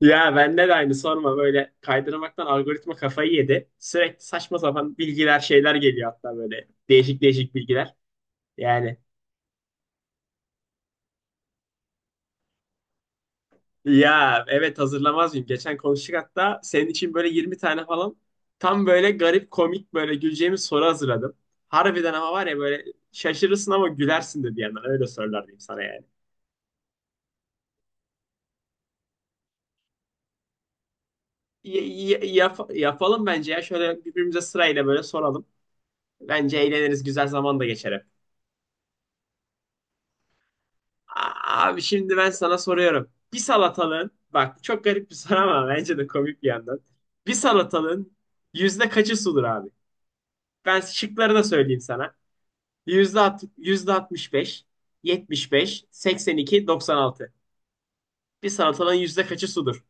Ya bende de aynı sorma böyle kaydırmaktan algoritma kafayı yedi. Sürekli saçma sapan bilgiler şeyler geliyor hatta böyle değişik değişik bilgiler. Yani. Ya evet, hazırlamaz mıyım? Geçen konuştuk hatta senin için böyle 20 tane falan, tam böyle garip komik böyle güleceğimiz soru hazırladım. Harbiden ama var ya, böyle şaşırırsın ama gülersin de bir yandan, öyle sorular diyeyim sana yani. Yapalım bence ya, şöyle birbirimize sırayla böyle soralım. Bence eğleniriz, güzel zaman da geçer hep. Abi şimdi ben sana soruyorum. Bir salatalığın, bak çok garip bir soru ama bence de komik bir yandan. Bir salatalığın yüzde kaçı sudur abi? Ben şıkları da söyleyeyim sana. Yüzde, %65, %75, %82, %96. Bir salatalığın yüzde kaçı sudur?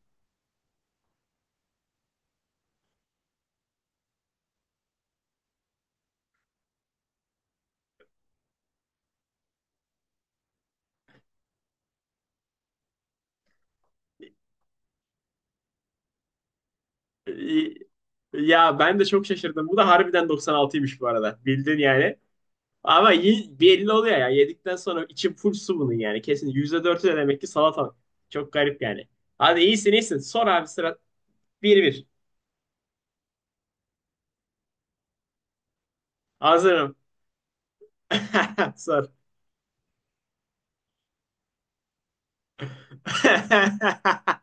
Ee, Ya ben de çok şaşırdım. Bu da harbiden %96'ymış bu arada. Bildin yani. Ama belli oluyor ya. Yedikten sonra içim full su bunun yani. Kesin. %4'ü de demek ki salatalık. Çok garip yani. Hadi, iyisin iyisin. Sor abi, sıra. Bir bir. Hazırım. Sor.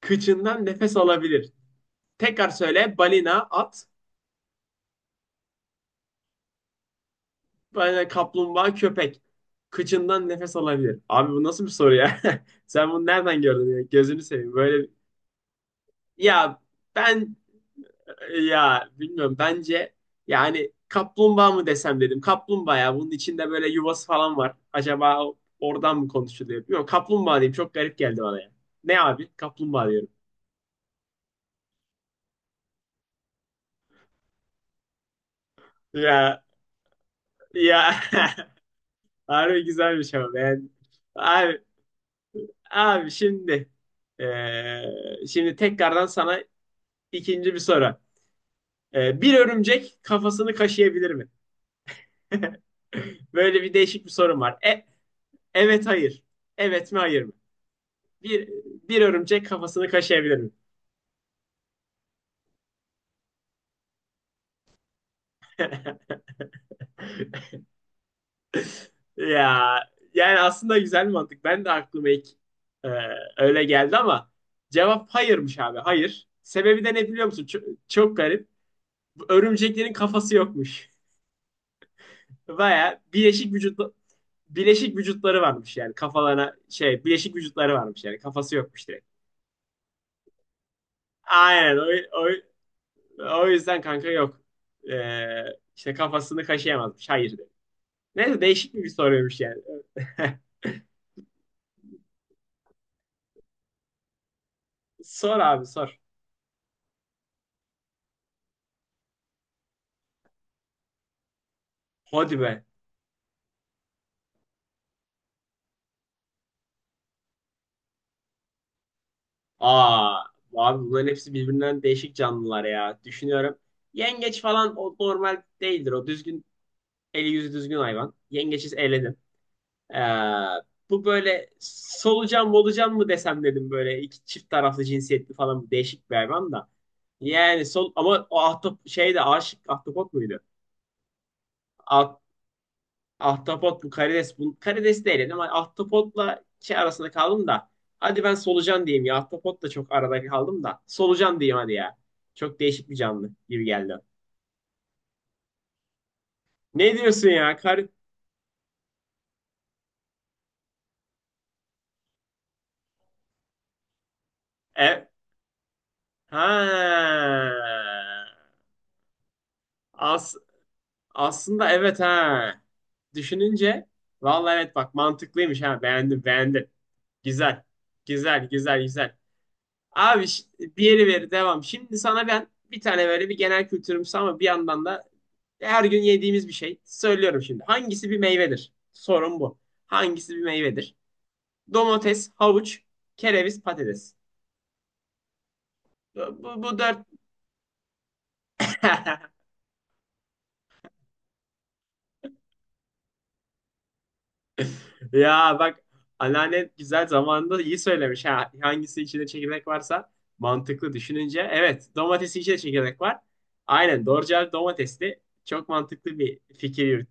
Kıçından nefes alabilir. Tekrar söyle. Balina, at, balina, kaplumbağa, köpek. Kıçından nefes alabilir. Abi bu nasıl bir soru ya? Sen bunu nereden gördün ya? Gözünü seveyim. Böyle. Ya ben Ya, bilmiyorum, bence yani kaplumbağa mı desem dedim. Kaplumbağa, ya bunun içinde böyle yuvası falan var. Acaba oradan mı konuşuluyor? Yok, kaplumbağa diyeyim, çok garip geldi bana ya. Ne abi? Kaplumbağa diyorum. Ya, ya, harbi güzelmiş ama ben. Abi abi şimdi, tekrardan sana ikinci bir soru. Bir örümcek kafasını kaşıyabilir mi? Böyle bir değişik bir sorum var. Evet hayır. Evet mi hayır mı? Bir, bir örümcek kafasını kaşıyabilirim. Ya yani aslında güzel mantık. Ben de aklıma ilk e, öyle geldi ama cevap hayırmış abi. Hayır. Sebebi de ne biliyor musun? Çok, çok garip. Bu örümceklerin kafası yokmuş. Baya bileşik vücutları varmış, yani kafalarına şey, bileşik vücutları varmış yani, kafası yokmuş direkt. Aynen, o, o yüzden kanka, yok. E, işte kafasını kaşıyamazmış. Hayır dedi. Neyse, değişik bir soruymuş yani. Sor abi, sor. Hadi be. Aa, abi bunların hepsi birbirinden değişik canlılar ya. Düşünüyorum. Yengeç falan o normal değildir. O düzgün, eli yüzü düzgün hayvan. Yengeçiz eledim. Ee, Bu böyle solucan molucan mı desem dedim, böyle iki çift taraflı cinsiyetli falan değişik bir hayvan da. Yani ama o şey de, aşık ahtapot muydu? Ahtapot mu, karides, bu karides değil, ama ahtapotla şey arasında kaldım da. Hadi ben solucan diyeyim ya. Ahtapot da, çok arada kaldım da. Solucan diyeyim hadi ya. Çok değişik bir canlı gibi geldi. Ne diyorsun ya? Kar e Ha. As aslında evet, ha. Düşününce, vallahi evet, bak mantıklıymış ha. Beğendim, beğendim. Güzel. Güzel, güzel, güzel. Abi, diğeri veri devam. Şimdi sana ben bir tane böyle bir genel kültürümsü ama bir yandan da her gün yediğimiz bir şey söylüyorum şimdi. Hangisi bir meyvedir? Sorun bu. Hangisi bir meyvedir? Domates, havuç, kereviz, patates. Bu dört. Ya bak, anneanne güzel zamanında iyi söylemiş. Ha, hangisi içinde çekirdek varsa, mantıklı düşününce. Evet, domatesin içinde çekirdek var. Aynen, doğru cevap domatesli. Çok mantıklı bir fikir.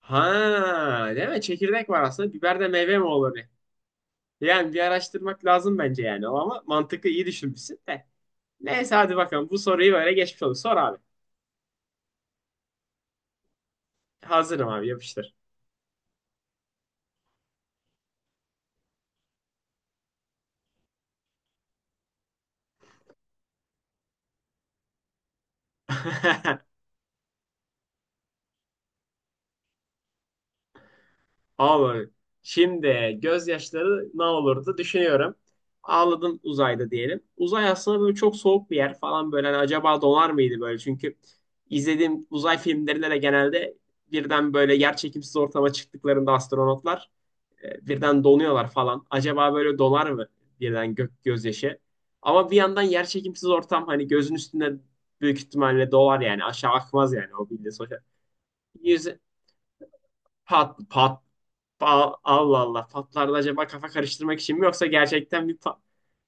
Ha, değil mi? Çekirdek var aslında. Biber de meyve mi olur diye. Yani bir araştırmak lazım bence yani. Ama mantıklı, iyi düşünmüşsün de. Neyse hadi bakalım. Bu soruyu böyle geçmiş olduk. Sor abi. Hazırım abi, yapıştır. Abi şimdi gözyaşları ne olurdu düşünüyorum. Ağladım uzayda diyelim. Uzay aslında böyle çok soğuk bir yer falan böyle. Hani acaba donar mıydı böyle? Çünkü izlediğim uzay filmlerinde de genelde birden böyle, yer çekimsiz ortama çıktıklarında astronotlar, birden donuyorlar falan. Acaba böyle donar mı birden gök gözyaşı? Ama bir yandan yer çekimsiz ortam, hani gözün üstünde büyük ihtimalle dolar yani, aşağı akmaz yani o, bildiğin sonuçta. Yüzü pat pat pa- Allah Allah, patlarda acaba kafa karıştırmak için mi, yoksa gerçekten bir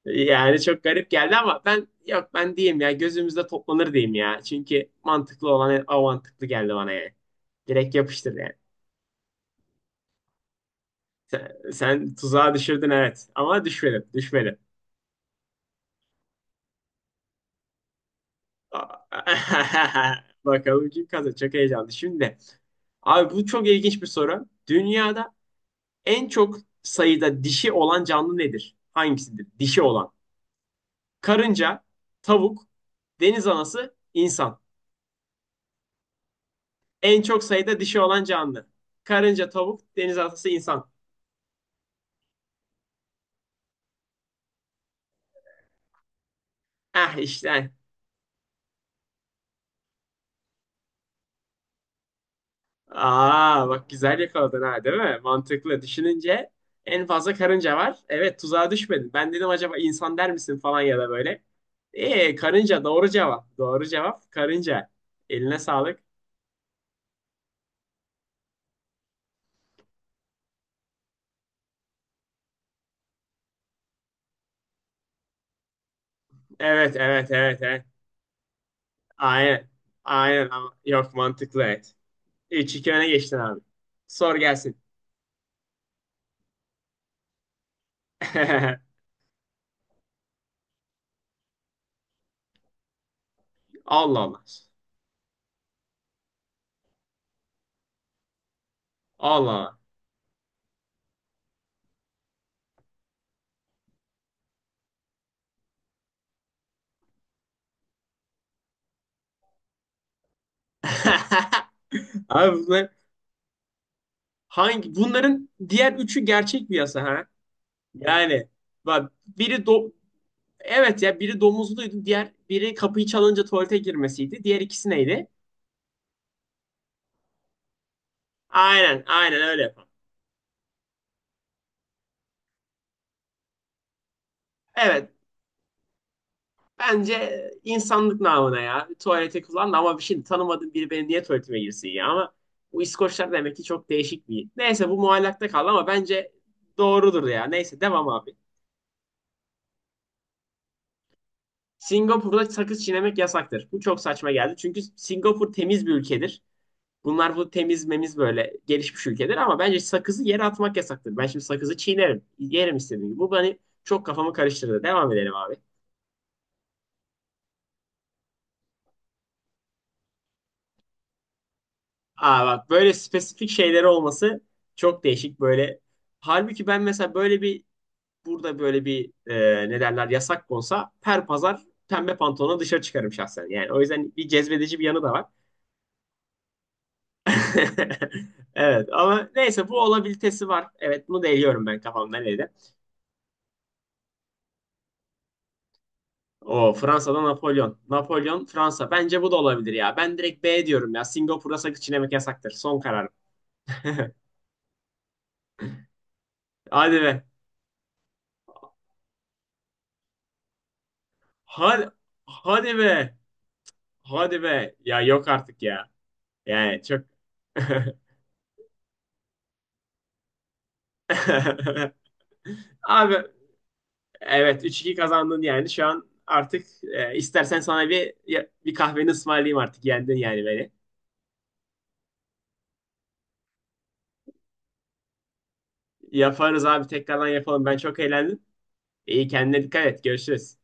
yani çok garip geldi, ama ben, yok, ben diyeyim ya gözümüzde toplanır diyeyim ya. Çünkü mantıklı olan o, mantıklı geldi bana yani. Direkt yapıştır yani. Sen tuzağa düşürdün evet, ama düşmedim, düşmedim. Bakalım kim kazanacak. Heyecanlı. Şimdi abi, bu çok ilginç bir soru. Dünyada en çok sayıda dişi olan canlı nedir? Hangisidir? Dişi olan. Karınca, tavuk, deniz anası, insan. En çok sayıda dişi olan canlı. Karınca, tavuk, deniz anası, insan. Ah işte. Aa, bak güzel yakaladın ha, değil mi? Mantıklı. Düşününce en fazla karınca var. Evet, tuzağa düşmedin. Ben dedim acaba insan der misin falan ya da böyle. Karınca, doğru cevap. Doğru cevap karınca. Eline sağlık. Evet, evet, evet, evet. Aynen. Aynen, ama yok, mantıklı evet. 3-2 öne geçtin abi. Sor gelsin. Allah Allah. Allah Allah. Abi, hangi bunların diğer üçü gerçek bir yasa ha? Yani bak, biri evet ya, biri domuzluydu, diğer biri kapıyı çalınca tuvalete girmesiydi. Diğer ikisi neydi? Aynen, aynen, öyle yapalım. Evet, bence insanlık namına ya, tuvalete kullandı ama, bir şey tanımadığım biri benim niye tuvaletime girsin ya, ama bu İskoçlar demek ki çok değişik bir. Neyse, bu muallakta kaldı ama bence doğrudur ya. Neyse, devam abi. Singapur'da sakız çiğnemek yasaktır. Bu çok saçma geldi. Çünkü Singapur temiz bir ülkedir. Bunlar bu temiz memiz böyle gelişmiş ülkeler, ama bence sakızı yere atmak yasaktır. Ben şimdi sakızı çiğnerim. Yerim istediğim gibi. Bu beni çok, kafamı karıştırdı. Devam edelim abi. Aa bak, böyle spesifik şeyleri olması çok değişik böyle. Halbuki ben mesela böyle bir, burada böyle bir, ne derler, yasak konsa her pazar pembe pantolonla dışarı çıkarım şahsen. Yani o yüzden bir cezbedici bir yanı da var. Evet ama neyse, bu olabilitesi var. Evet, bunu da eliyorum ben kafamdan, elden. O Fransa'da Napolyon. Napolyon Fransa. Bence bu da olabilir ya. Ben direkt B diyorum ya. Singapur'a sakız çiğnemek yasaktır. Son karar. Hadi be. Hadi, hadi be. Hadi be. Ya yok artık ya. Yani çok... Abi, evet, 3-2 kazandın yani. Şu an artık, istersen sana bir, bir kahveni ısmarlayayım artık. Yendin yani beni. Yaparız abi, tekrardan yapalım. Ben çok eğlendim. İyi, kendine dikkat et. Görüşürüz.